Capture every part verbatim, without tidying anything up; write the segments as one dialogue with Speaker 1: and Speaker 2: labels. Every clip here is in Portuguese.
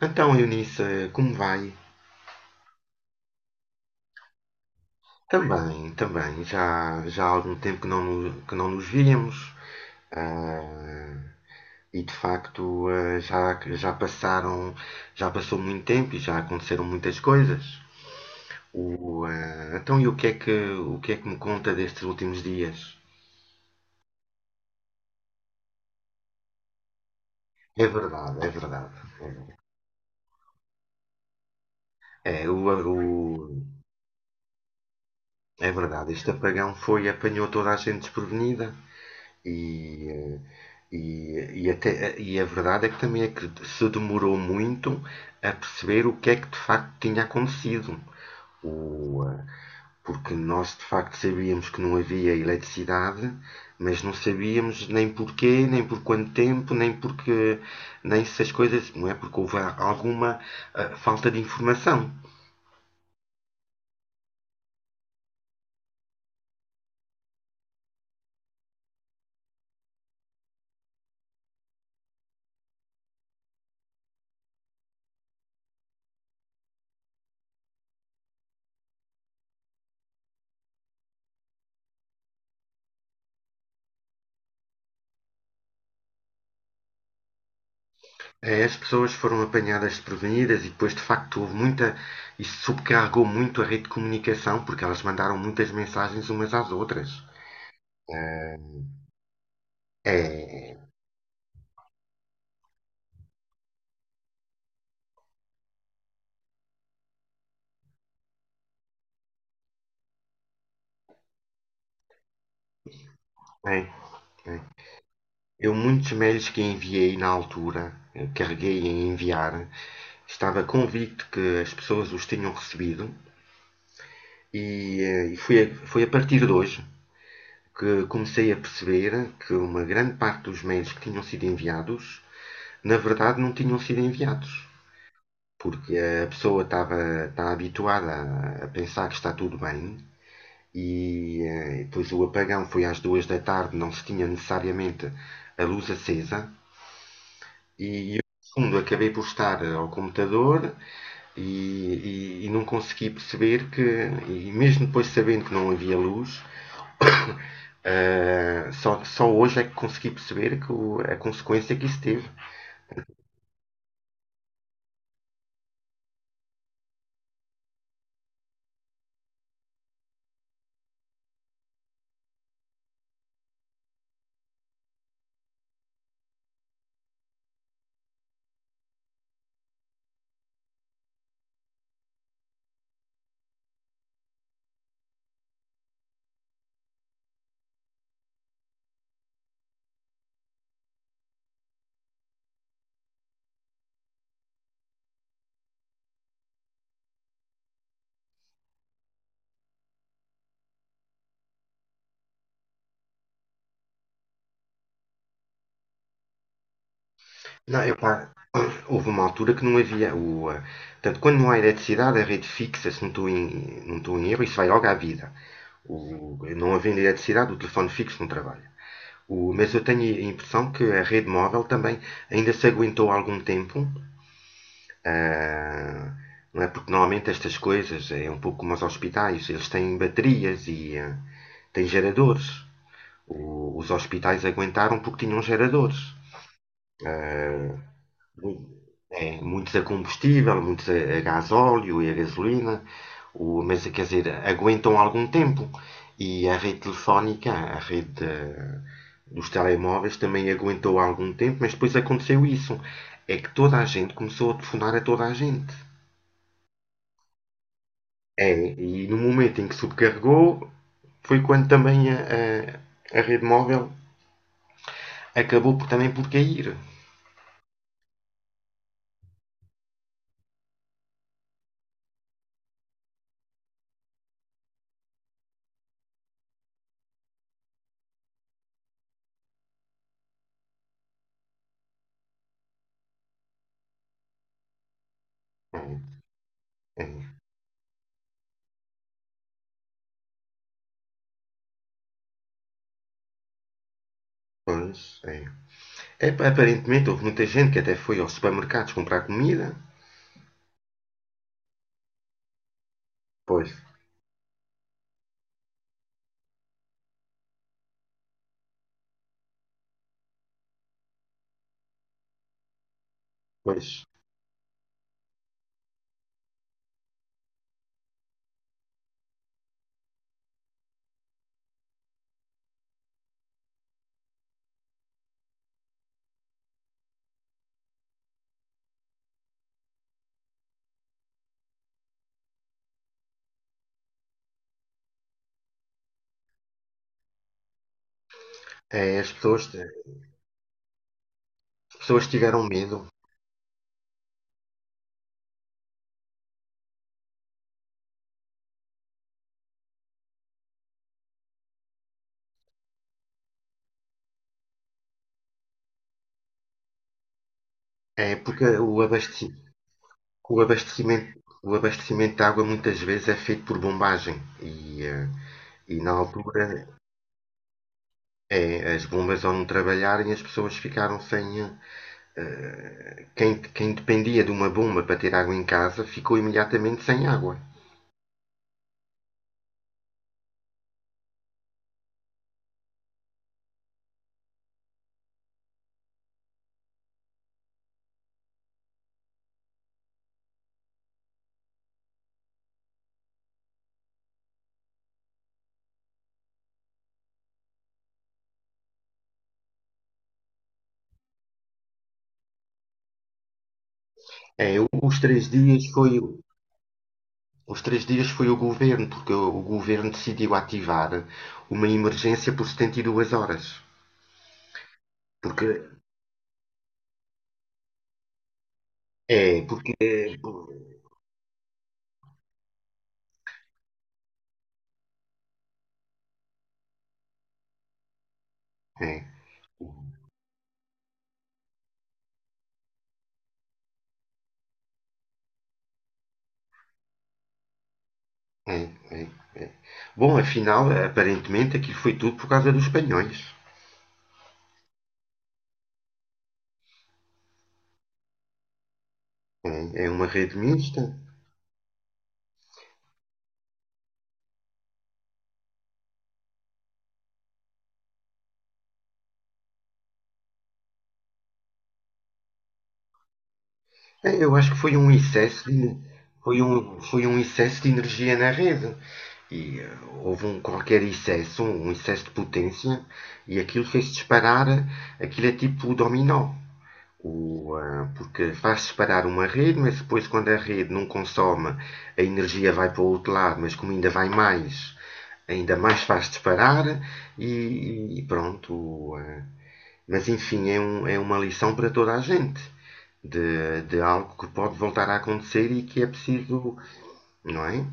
Speaker 1: Então, Eunice, como vai? Também, também. Já, já há algum tempo que não, nos- que não nos víamos. Ah, e de facto, ah, já, já passaram, já passou muito tempo e já aconteceram muitas coisas. O, ah, então, e o que é que, o que é que me conta destes últimos dias? É verdade, é verdade. É, verdade. É, o, o- é verdade, este apagão foi, apanhou toda a gente desprevenida. E, e, e, até, e a verdade é que também é que se demorou muito a perceber o que é que de facto tinha acontecido. O, eh, Porque nós de facto sabíamos que não havia eletricidade, mas não sabíamos nem porquê, nem por quanto tempo, nem porque nem se as coisas, não é? Porque houve alguma eh, falta de informação. É, as pessoas foram apanhadas desprevenidas e depois, de facto, houve muita. Isso sobrecarregou muito a rede de comunicação, porque elas mandaram muitas mensagens umas às outras. Ah, é. É, é. Eu, muitos mails que enviei na altura, carreguei em enviar, estava convicto que as pessoas os tinham recebido, e, eh, e foi, a- foi a partir de hoje que comecei a perceber que uma grande parte dos mails que tinham sido enviados, na verdade, não tinham sido enviados. Porque a pessoa estava está habituada a pensar que está tudo bem e eh, depois o apagão foi às duas da tarde, não se tinha necessariamente a luz acesa e eu, no fundo, acabei por estar ao computador e, e- e não consegui perceber que, e mesmo depois sabendo que não havia luz, eh, só, só hoje é que consegui perceber que o- a consequência que isso teve. Não, epá, houve uma altura que não havia. O, ah, portanto, quando não há eletricidade, a rede fixa, se não estou em, não estou em erro, isso vai logo à vida. O, não havendo eletricidade, o telefone fixo não trabalha. O, mas eu tenho a impressão que a rede móvel também ainda se aguentou algum tempo. ah, não é? Porque normalmente estas coisas é um pouco como os hospitais, eles têm baterias e ah, têm geradores. O- os hospitais aguentaram porque tinham geradores. É, muitos a combustível, muitos a, a gás óleo e a gasolina, o, mas quer dizer, aguentam algum tempo. E a rede telefónica, a rede eh, dos telemóveis também aguentou algum tempo, mas depois aconteceu isso. É que toda a gente começou a telefonar a toda a gente. É, e no momento em que sobrecarregou, foi quando também a, a, a rede móvel acabou por, também por cair. É, é, pois, é. É, aparentemente houve muita gente que até foi aos supermercados comprar comida. Pois, pois. É, as, pessoas, as pessoas tiveram medo. É porque o abastecimento, o abastecimento, o abastecimento de água muitas vezes é feito por bombagem. E, eh, e na altura é, as bombas ao não trabalharem as pessoas ficaram sem. eh, eh, quem, quem dependia de uma bomba para ter água em casa ficou imediatamente sem água. É, os três dias foi, os três dias foi o governo, porque o governo decidiu ativar uma emergência por setenta e duas horas. Porque é, porque é, é, é, é. é. Bom, afinal, aparentemente aquilo foi tudo por causa dos espanhóis. É, é uma rede mista. É, eu acho que foi um excesso de, foi um, foi um excesso de energia na rede. E eh, houve um qualquer excesso, um excesso de potência, e aquilo fez disparar, aquilo é tipo o dominó. O, ah, porque faz disparar uma rede, mas depois quando a rede não consome, a energia vai para o outro lado, mas como ainda vai mais, ainda mais faz disparar e, e pronto. O, ah, mas enfim, é, um- é uma lição para toda a gente de, de algo que pode voltar a acontecer e que é preciso, não é?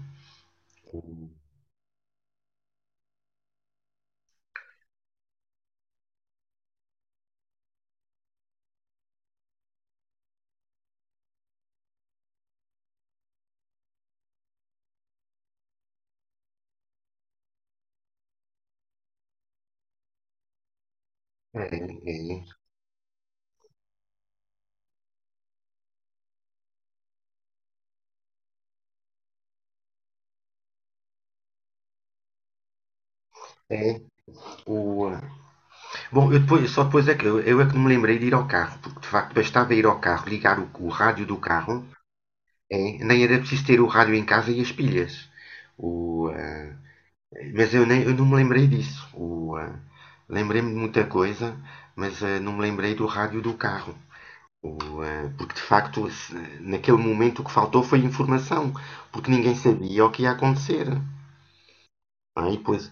Speaker 1: É, é, é. É. O, ah, Bom, eu depois, só depois é que eu, eu é que me lembrei de ir ao carro, porque de facto bastava ir ao carro, ligar o, o rádio do carro. É, nem era preciso ter o rádio em casa e as pilhas. O, ah, mas eu, nem, eu não me lembrei disso. O, ah, lembrei-me de muita coisa, mas ah, não me lembrei do rádio do carro. O, ah, porque de facto, naquele momento o que faltou foi informação, porque ninguém sabia o que ia acontecer. Ah, e depois.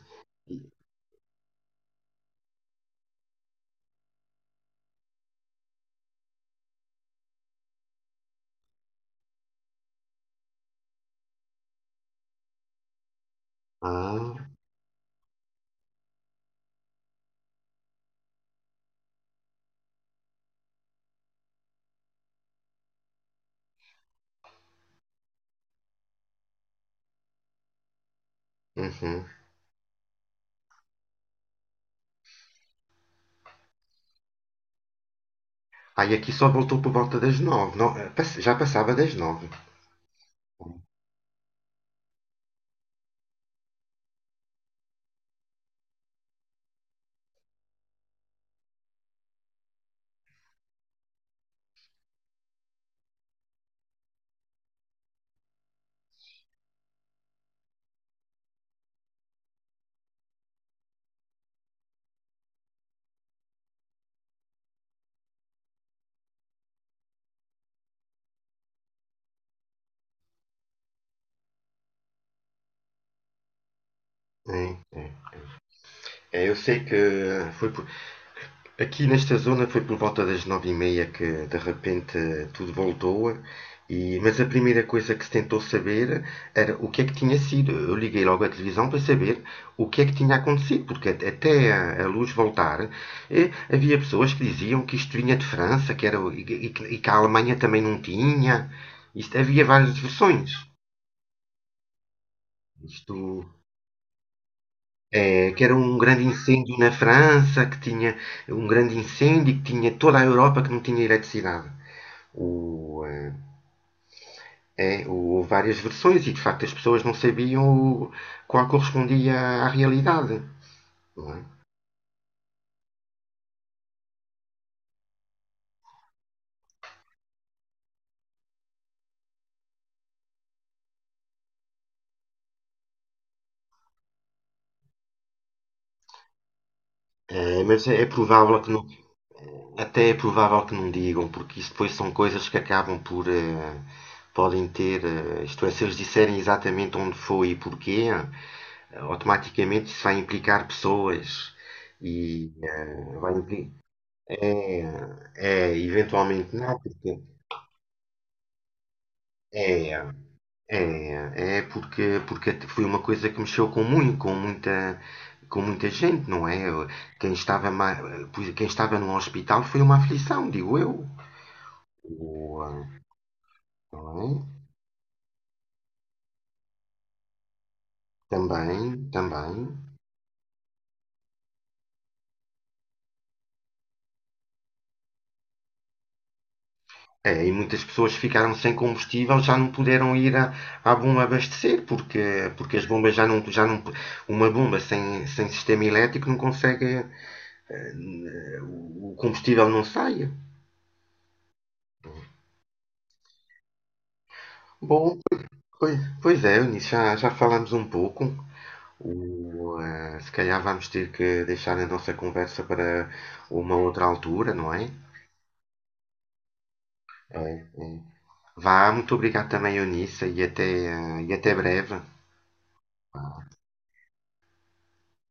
Speaker 1: Ah, uhum. Ah, e aqui só voltou por volta das nove. Já passava das nove. É, é. É, eu sei que ah, foi por aqui nesta zona foi por volta das nove e meia que de repente tudo voltou, e, mas a primeira coisa que se tentou saber era o que é que tinha sido. Eu liguei logo à televisão para saber o que é que tinha acontecido, porque até a, a luz voltar eh, havia pessoas que diziam que isto vinha de França, que era, e, e que a Alemanha também não tinha. Isto, havia várias versões. Isto é que era um grande incêndio na França, que tinha um grande incêndio, que tinha toda a Europa que não tinha eletricidade. O, eh, é, Houve várias versões e de facto as pessoas não sabiam qual correspondia à realidade. Não é? Eh, mas é provável que não, até é provável que não digam, porque isso depois são coisas que acabam por eh, podem ter, eh, isto é, se eles disserem exatamente onde foi e porquê, eh, automaticamente isso vai implicar pessoas e eh, vai implicar, é, é, eventualmente não, porque é, É, é porque, porque foi uma coisa que mexeu com muito, com muita, com muita gente, não é? Quem estava, ma- Pois, quem estava no hospital foi uma aflição, digo eu. O, ah, não é? Também, também. É, e muitas pessoas ficaram sem combustível, já não puderam ir à, à bomba abastecer, porque, porque as bombas já não, já não. Uma bomba sem, sem sistema elétrico não consegue. eh, O combustível não sai. Bom, pois, pois é, Eunice, já, já falámos um pouco. O, eh, se calhar vamos ter que deixar a nossa conversa para uma outra altura, não é? É, é. Vá, muito obrigado também, Eunice, e até, eh, e até breve.